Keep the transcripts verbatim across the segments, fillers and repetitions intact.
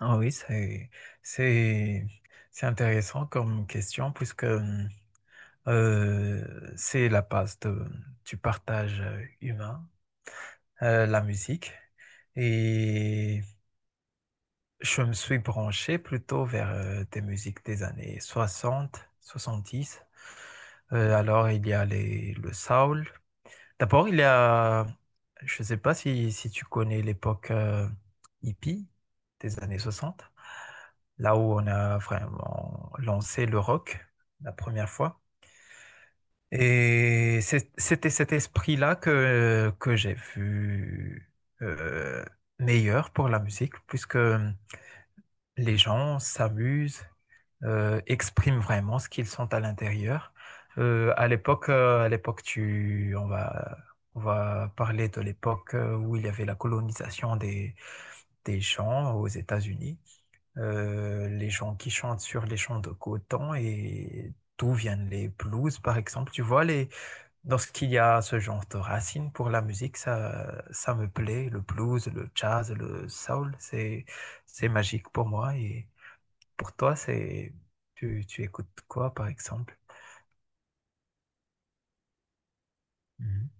Ah oui, c'est, c'est, c'est intéressant comme question puisque hum, euh, c'est la base de, du partage humain, euh, la musique. Et je me suis branché plutôt vers euh, des musiques des années soixante soixante-dix. Euh, alors il y a les, le soul. D'abord, il y a, je ne sais pas si, si tu connais l'époque euh, hippie des années soixante, là où on a vraiment lancé le rock la première fois. Et c'est- c'était cet esprit-là que, que j'ai vu euh, meilleur pour la musique, puisque les gens s'amusent, euh, expriment vraiment ce qu'ils sont à l'intérieur. Euh, à l'époque, euh, à l'époque, tu, on va, on va parler de l'époque euh, où il y avait la colonisation des, des gens aux États-Unis. Euh, les gens qui chantent sur les champs de coton et d'où viennent les blues, par exemple. Tu vois, les... lorsqu'il y a ce genre de racines pour la musique, ça, ça me plaît. Le blues, le jazz, le soul, c'est, c'est magique pour moi. Et pour toi, c'est, tu, tu écoutes quoi, par exemple? Mhm.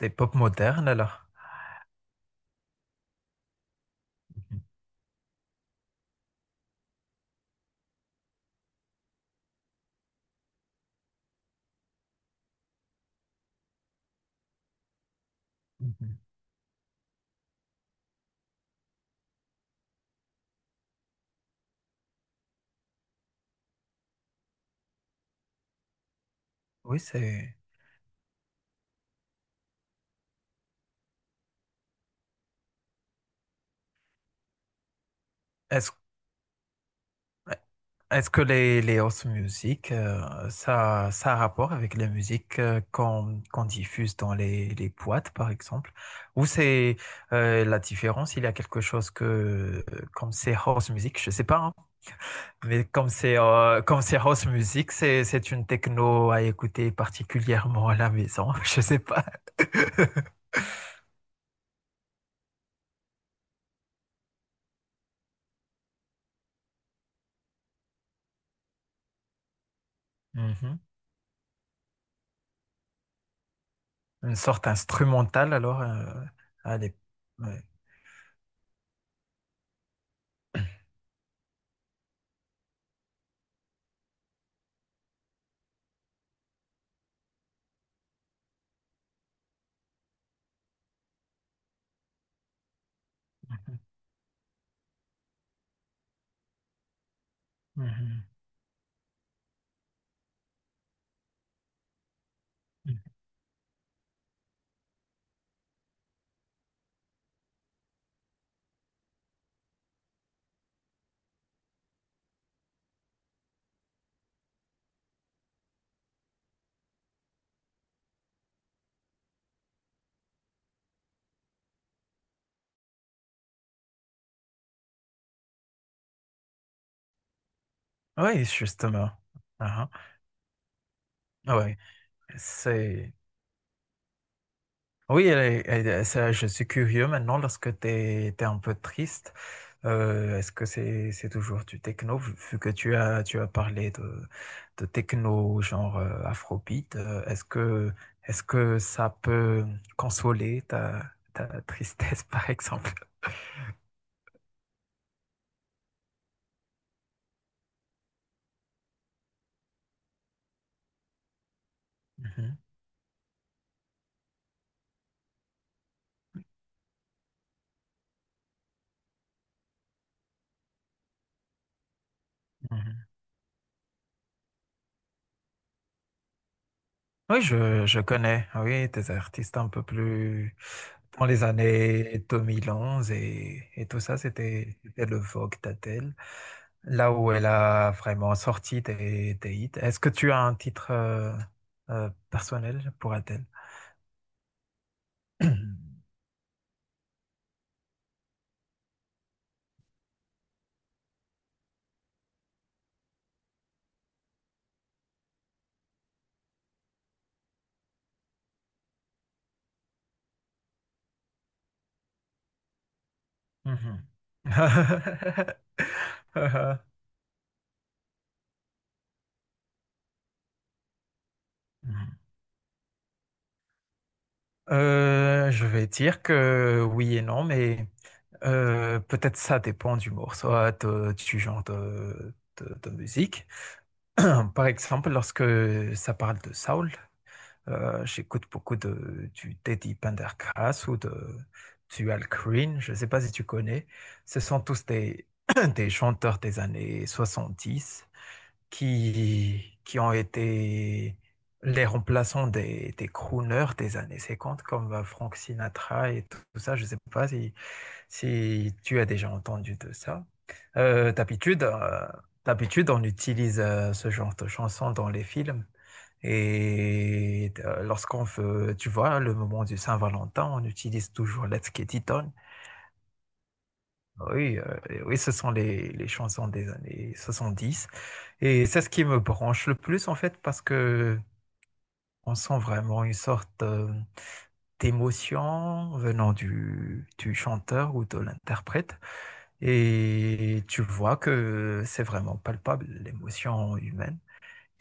Des pop modernes, alors? Mhm. Mhm. Oui, c'est... Est-ce Est-ce que les, les house music, euh, ça, ça a rapport avec les musiques euh, qu'on qu'on diffuse dans les, les boîtes, par exemple? Ou c'est euh, la différence, il y a quelque chose que, euh, comme c'est house music, je sais pas, hein. Mais comme c'est euh, comme c'est house music, c'est c'est une techno à écouter particulièrement à la maison. Je sais pas. Mhm. Une sorte instrumentale alors. Euh, allez. Ouais. Mhm. Mhm. Oui, justement. Ah, ah. Ah ouais. C'est... Oui, elle est- elle est- ça, je suis curieux maintenant, lorsque tu es un peu triste, euh, est-ce que c'est c'est toujours du techno, vu vu que tu as, tu as parlé de, de techno genre euh, Afrobeat, euh, est-ce que, est-ce que ça peut consoler ta, ta tristesse, par exemple? Mhm, mhm. Oui, je, je connais, oui, des artistes un peu plus dans les années deux mille onze et, et tout ça, c'était c'était le Vogue d'Adèle. Là où elle a vraiment sorti tes, tes hits. Est-ce que tu as un titre euh, euh, personnel pour Adele? Mhm. Euh, je vais dire que oui et non, mais euh, peut-être ça dépend du morceau, euh, de- du genre de, de- de musique. Par exemple, lorsque ça parle de Saul, Euh, j'écoute beaucoup de, du Teddy Pendergrass ou de, du Al Green. Je ne sais pas si tu connais. Ce sont tous des, des chanteurs des années soixante dix qui, qui ont été les remplaçants des, des crooners des années cinquante comme euh, Frank Sinatra et tout, tout ça. Je ne sais pas si, si tu as déjà entendu de ça. Euh, d'habitude, euh, D'habitude, on utilise euh, ce genre de chansons dans les films. Et euh, lorsqu'on veut, tu vois, le moment du Saint-Valentin, on utilise toujours Let's Get It On. Oui, euh, et oui, ce sont les, les chansons des années soixante-dix. Et c'est ce qui me branche le plus, en fait, parce que on sent vraiment une sorte euh, d'émotion venant du, du chanteur ou de l'interprète. Et tu vois que c'est vraiment palpable, l'émotion humaine.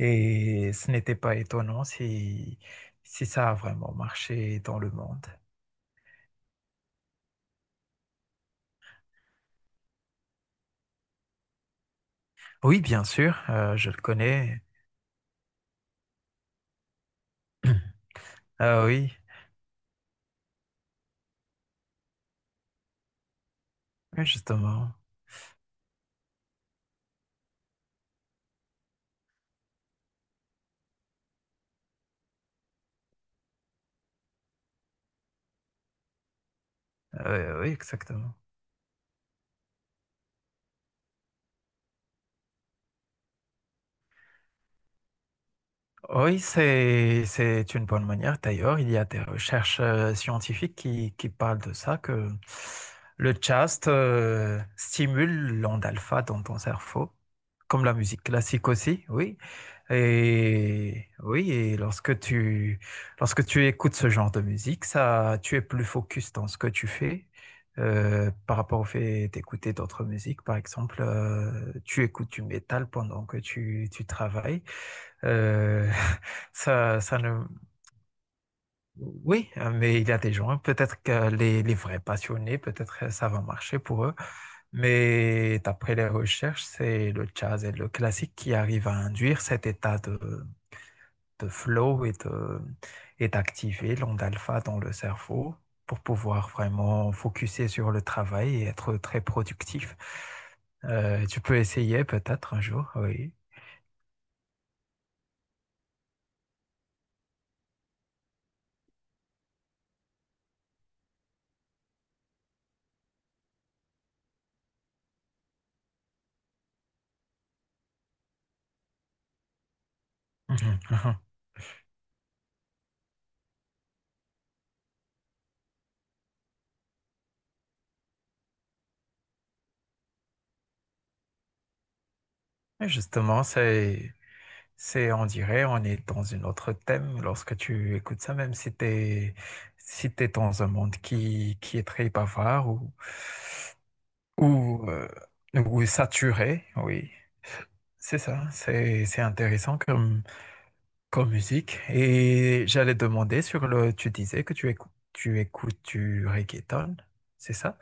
Et ce n'était pas étonnant si, si ça a vraiment marché dans le monde. Oui, bien sûr, euh, je le connais. Ah oui, oui, justement. Euh, oui, exactement. Oui, c'est, c'est une bonne manière. D'ailleurs, il y a des recherches euh, scientifiques qui, qui parlent de ça, que le chast euh, stimule l'onde alpha dans ton cerveau, comme la musique classique aussi, oui. Et oui, et lorsque tu, lorsque tu écoutes ce genre de musique, ça, tu es plus focus dans ce que tu fais. Euh, par rapport au fait d'écouter d'autres musiques, par exemple, euh, tu écoutes du métal pendant que tu, tu travailles. Euh, ça, ça ne... Oui, euh, mais il y a des gens, peut-être que les, les vrais passionnés, peut-être que ça va marcher pour eux. Mais d'après les recherches, c'est le jazz et le classique qui arrivent à induire cet état de, de flow et de, et d'activer l'onde alpha dans le cerveau pour pouvoir vraiment focuser sur le travail et être très productif. Euh, tu peux essayer peut-être un jour, oui. Mhm, mhm. Et justement, c'est c'est, on dirait, on est dans une autre thème lorsque tu écoutes ça, même si t'es, si t'es dans un monde qui, qui est très bavard ou, ou, euh, ou saturé, oui. C'est ça, c'est, c'est intéressant comme musique. Et j'allais demander sur le. Tu disais que tu écoutes, tu écoutes du reggaeton, c'est ça?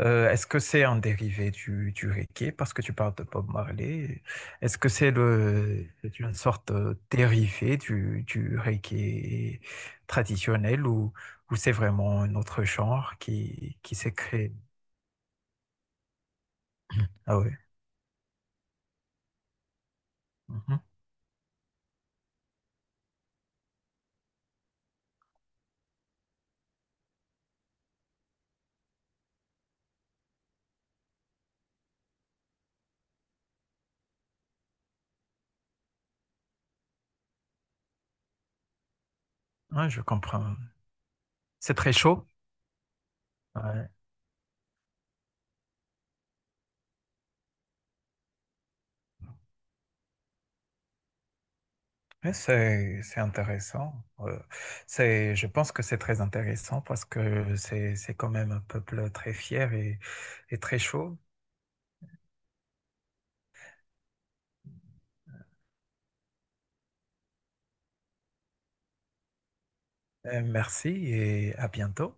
Euh, est-ce que c'est un dérivé du, du reggae? Parce que tu parles de Bob Marley. Est-ce que c'est le, c'est une sorte de dérivé du, du reggae traditionnel ou, ou c'est vraiment un autre genre qui, qui s'est créé? Ah oui. Mhm. Ouais, je comprends. C'est très chaud. Ouais. Ouais, C'est, c'est intéressant. Euh, c'est, je pense que c'est très intéressant parce que c'est, c'est quand même un peuple très fier et, et très chaud. Euh, merci et à bientôt.